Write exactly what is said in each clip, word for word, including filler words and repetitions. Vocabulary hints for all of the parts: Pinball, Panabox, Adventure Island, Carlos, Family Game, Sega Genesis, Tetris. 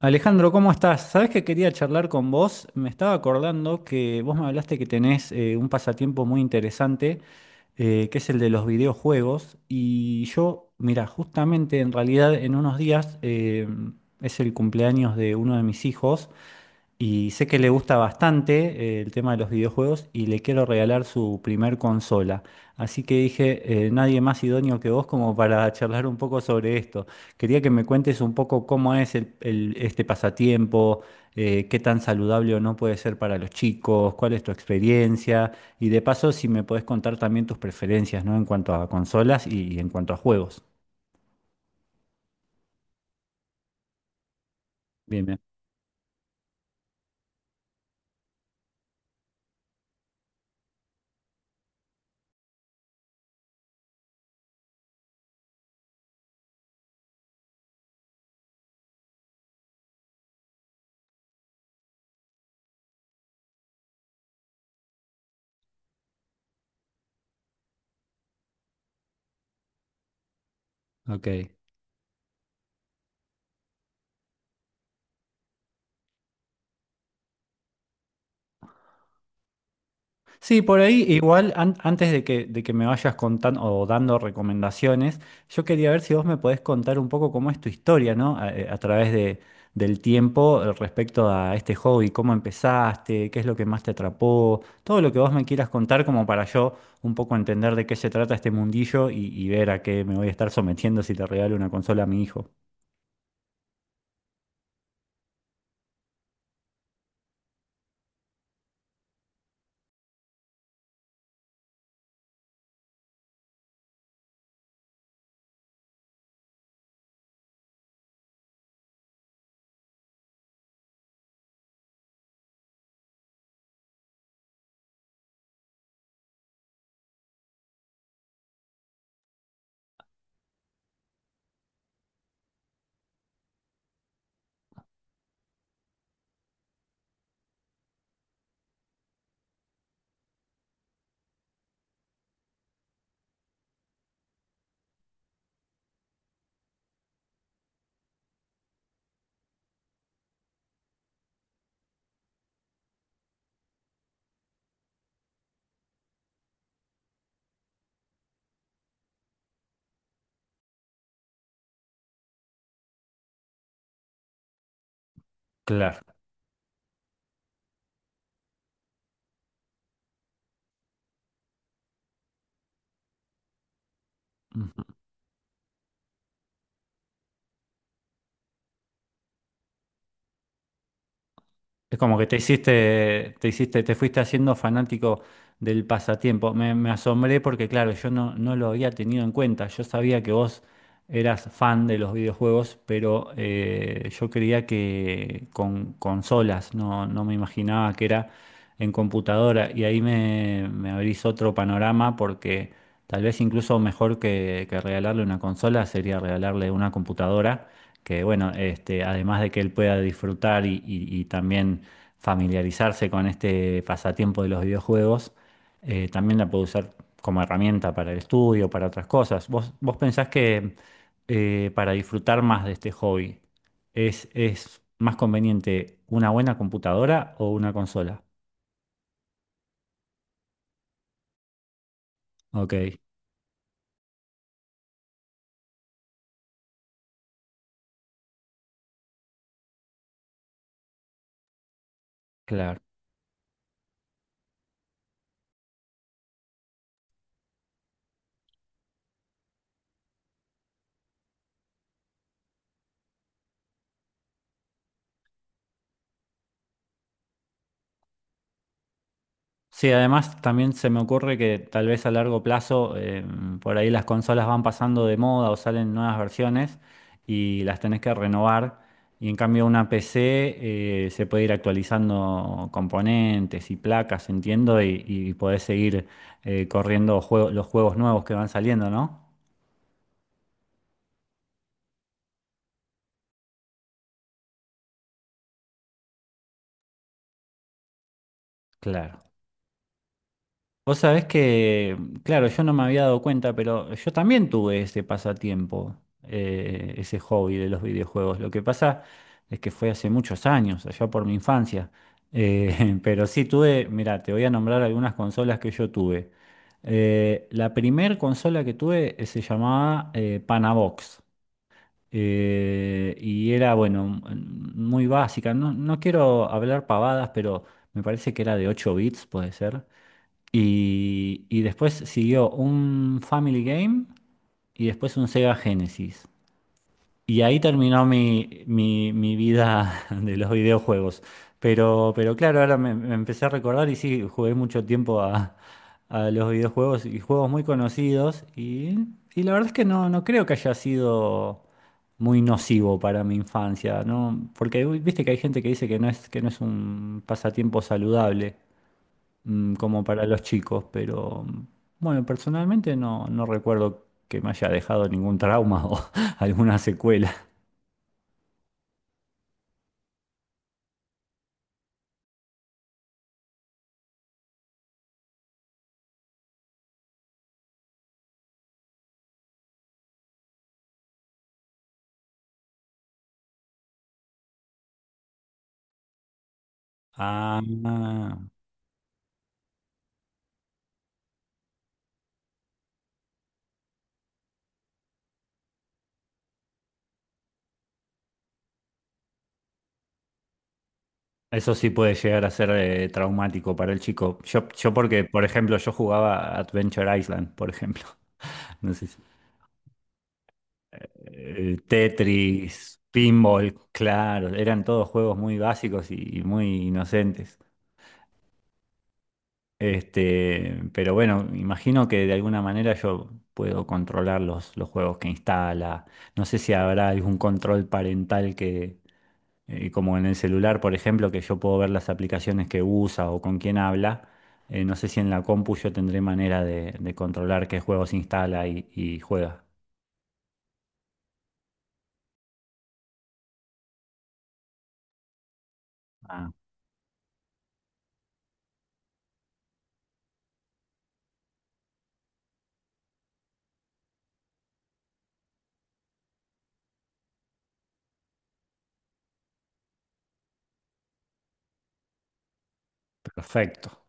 Alejandro, ¿cómo estás? Sabés que quería charlar con vos. Me estaba acordando que vos me hablaste que tenés eh, un pasatiempo muy interesante, eh, que es el de los videojuegos. Y yo, mira, justamente en realidad en unos días eh, es el cumpleaños de uno de mis hijos. Y sé que le gusta bastante eh, el tema de los videojuegos y le quiero regalar su primer consola. Así que dije, eh, nadie más idóneo que vos como para charlar un poco sobre esto. Quería que me cuentes un poco cómo es el- el- este pasatiempo, eh, qué tan saludable o no puede ser para los chicos, cuál es tu experiencia y de paso si me podés contar también tus preferencias, ¿no? En cuanto a consolas y, en cuanto a juegos. Bien, bien. Ok. Sí, por ahí igual an- antes de que, de que me vayas contando o dando recomendaciones, yo quería ver si vos me podés contar un poco cómo es tu historia, ¿no? A, eh, a través de, del tiempo eh, respecto a este hobby, cómo empezaste, qué es lo que más te atrapó, todo lo que vos me quieras contar como para yo un poco entender de qué se trata este mundillo y, y ver a qué me voy a estar sometiendo si te regalo una consola a mi hijo. Claro. Es como que te hiciste, te hiciste, te fuiste haciendo fanático del pasatiempo. Me, me asombré porque, claro, yo no, no lo había tenido en cuenta. Yo sabía que vos eras fan de los videojuegos, pero eh, yo creía que con consolas, no, no me imaginaba que era en computadora. Y ahí me, me abrís otro panorama porque tal vez incluso mejor que, que regalarle una consola sería regalarle una computadora, que bueno, este, además de que él pueda disfrutar y, y- y también familiarizarse con este pasatiempo de los videojuegos, eh, también la puede usar como herramienta para el estudio, para otras cosas. ¿Vos, vos pensás que eh, para disfrutar más de este hobby? ¿Es, es más conveniente una buena computadora o una consola? Ok, claro. Sí, además también se me ocurre que tal vez a largo plazo eh, por ahí las consolas van pasando de moda o salen nuevas versiones y las tenés que renovar. Y en cambio una P C eh, se puede ir actualizando componentes y placas, entiendo, y, y, podés seguir eh, corriendo juego- los juegos nuevos que van saliendo, ¿no? Claro. Vos sabés que, claro, yo no me había dado cuenta, pero yo también tuve ese pasatiempo, eh, ese hobby de los videojuegos. Lo que pasa es que fue hace muchos años, allá por mi infancia. Eh, pero sí tuve, mira, te voy a nombrar algunas consolas que yo tuve. Eh, la primer consola que tuve eh, se llamaba eh, Panabox. Eh, y era, bueno, m- muy básica. No, no quiero hablar pavadas, pero me parece que era de ocho bits, puede ser. Y, y después siguió un Family Game y después un Sega Genesis. Y ahí terminó mi, mi- mi vida de los videojuegos. Pero, pero claro, ahora me, me empecé a recordar y sí, jugué mucho tiempo a, a los videojuegos y juegos muy conocidos. Y, y la verdad es que no, no creo que haya sido muy nocivo para mi infancia, ¿no? Porque uy, viste que hay gente que dice que no es, que no es un pasatiempo saludable mm, como para los chicos, pero mm, bueno, personalmente no, no recuerdo que me haya dejado ningún trauma o alguna secuela. Ah, eso sí puede llegar a ser eh, traumático para el chico. Yo, yo porque, por ejemplo, yo jugaba Adventure Island, por ejemplo. No sé si- eh, Tetris, Pinball, claro, eran todos juegos muy básicos y muy inocentes. Este, pero bueno, imagino que de alguna manera yo puedo controlar los, los juegos que instala. No sé si habrá algún control parental que, eh, como en el celular, por ejemplo, que yo puedo ver las aplicaciones que usa o con quién habla. Eh, no sé si en la compu yo tendré manera de, de controlar qué juegos instala y, y juega. Ah, perfecto.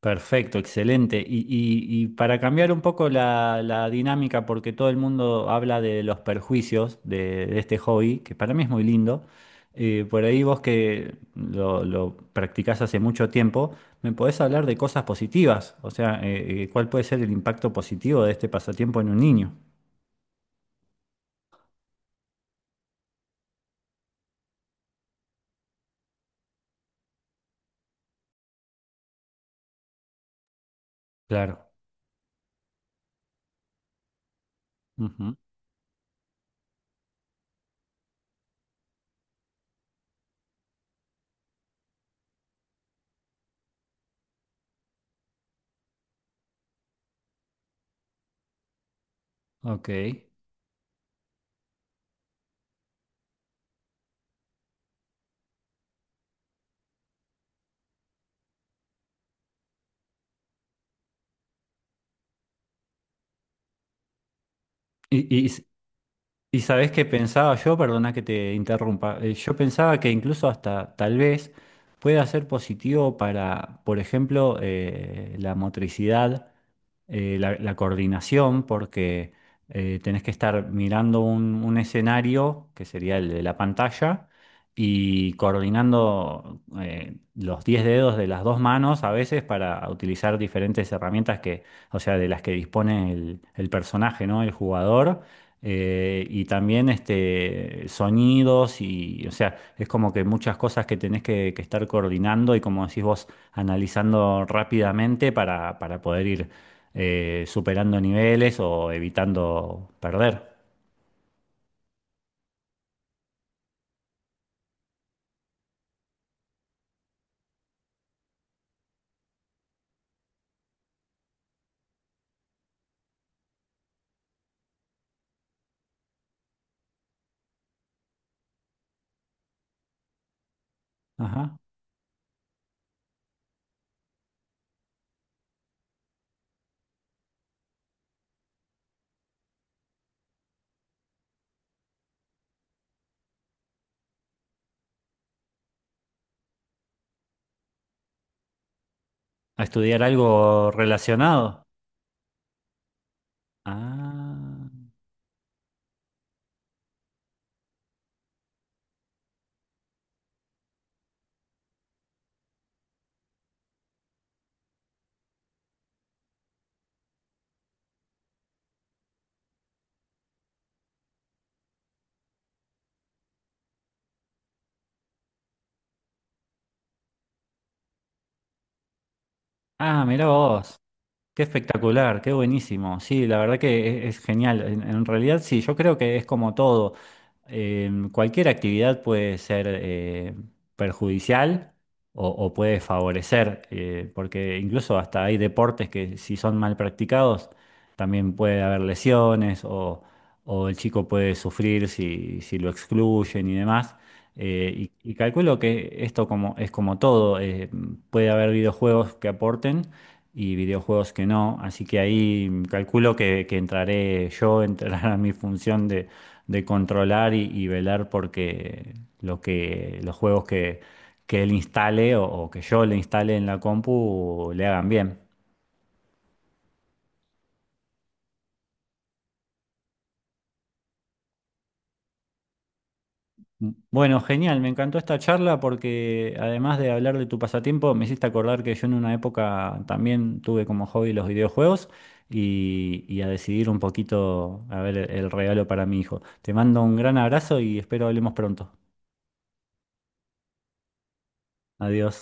Perfecto, excelente. Y, y- y para cambiar un poco la, la dinámica, porque todo el mundo habla de los perjuicios de, de este hobby, que para mí es muy lindo, eh, por ahí vos que lo, lo practicás hace mucho tiempo, ¿me podés hablar de cosas positivas? O sea, eh, eh, ¿cuál puede ser el impacto positivo de este pasatiempo en un niño? Claro. Ujú. Ok. ¿Y, y y sabés qué pensaba yo, perdona que te interrumpa, eh, yo pensaba que incluso hasta tal vez pueda ser positivo para, por ejemplo, eh, la motricidad, eh, la, la coordinación, porque eh, tenés que estar mirando un, un escenario, que sería el de la pantalla, y coordinando eh, los diez dedos de las dos manos a veces para utilizar diferentes herramientas que, o sea, de las que dispone el, el personaje, ¿no? El jugador. eh, y también este, sonidos y, o sea, es como que muchas cosas que tenés que, que estar coordinando y como decís vos, analizando rápidamente para, para poder ir eh, superando niveles o evitando perder. Ajá. A estudiar algo relacionado. Ah, ah, mira vos. Qué espectacular, qué buenísimo. Sí, la verdad que es, es genial. En, en realidad, sí, yo creo que es como todo. Eh, cualquier actividad puede ser eh, perjudicial o, o puede favorecer, eh, porque incluso hasta hay deportes que si son mal practicados, también puede haber lesiones o, o el chico puede sufrir si, si lo excluyen y demás. Eh, y, y calculo que esto como, es como todo. eh, puede haber videojuegos que aporten y videojuegos que no. Así que ahí calculo que, que entraré yo, entrará mi función de, de controlar y, y velar porque lo que, los juegos que, que él instale o, o que yo le instale en la compu le hagan bien. Bueno, genial, me encantó esta charla porque además de hablar de tu pasatiempo, me hiciste acordar que yo en una época también tuve como hobby los videojuegos y, y a decidir un poquito a ver el regalo para mi hijo. Te mando un gran abrazo y espero hablemos pronto. Adiós.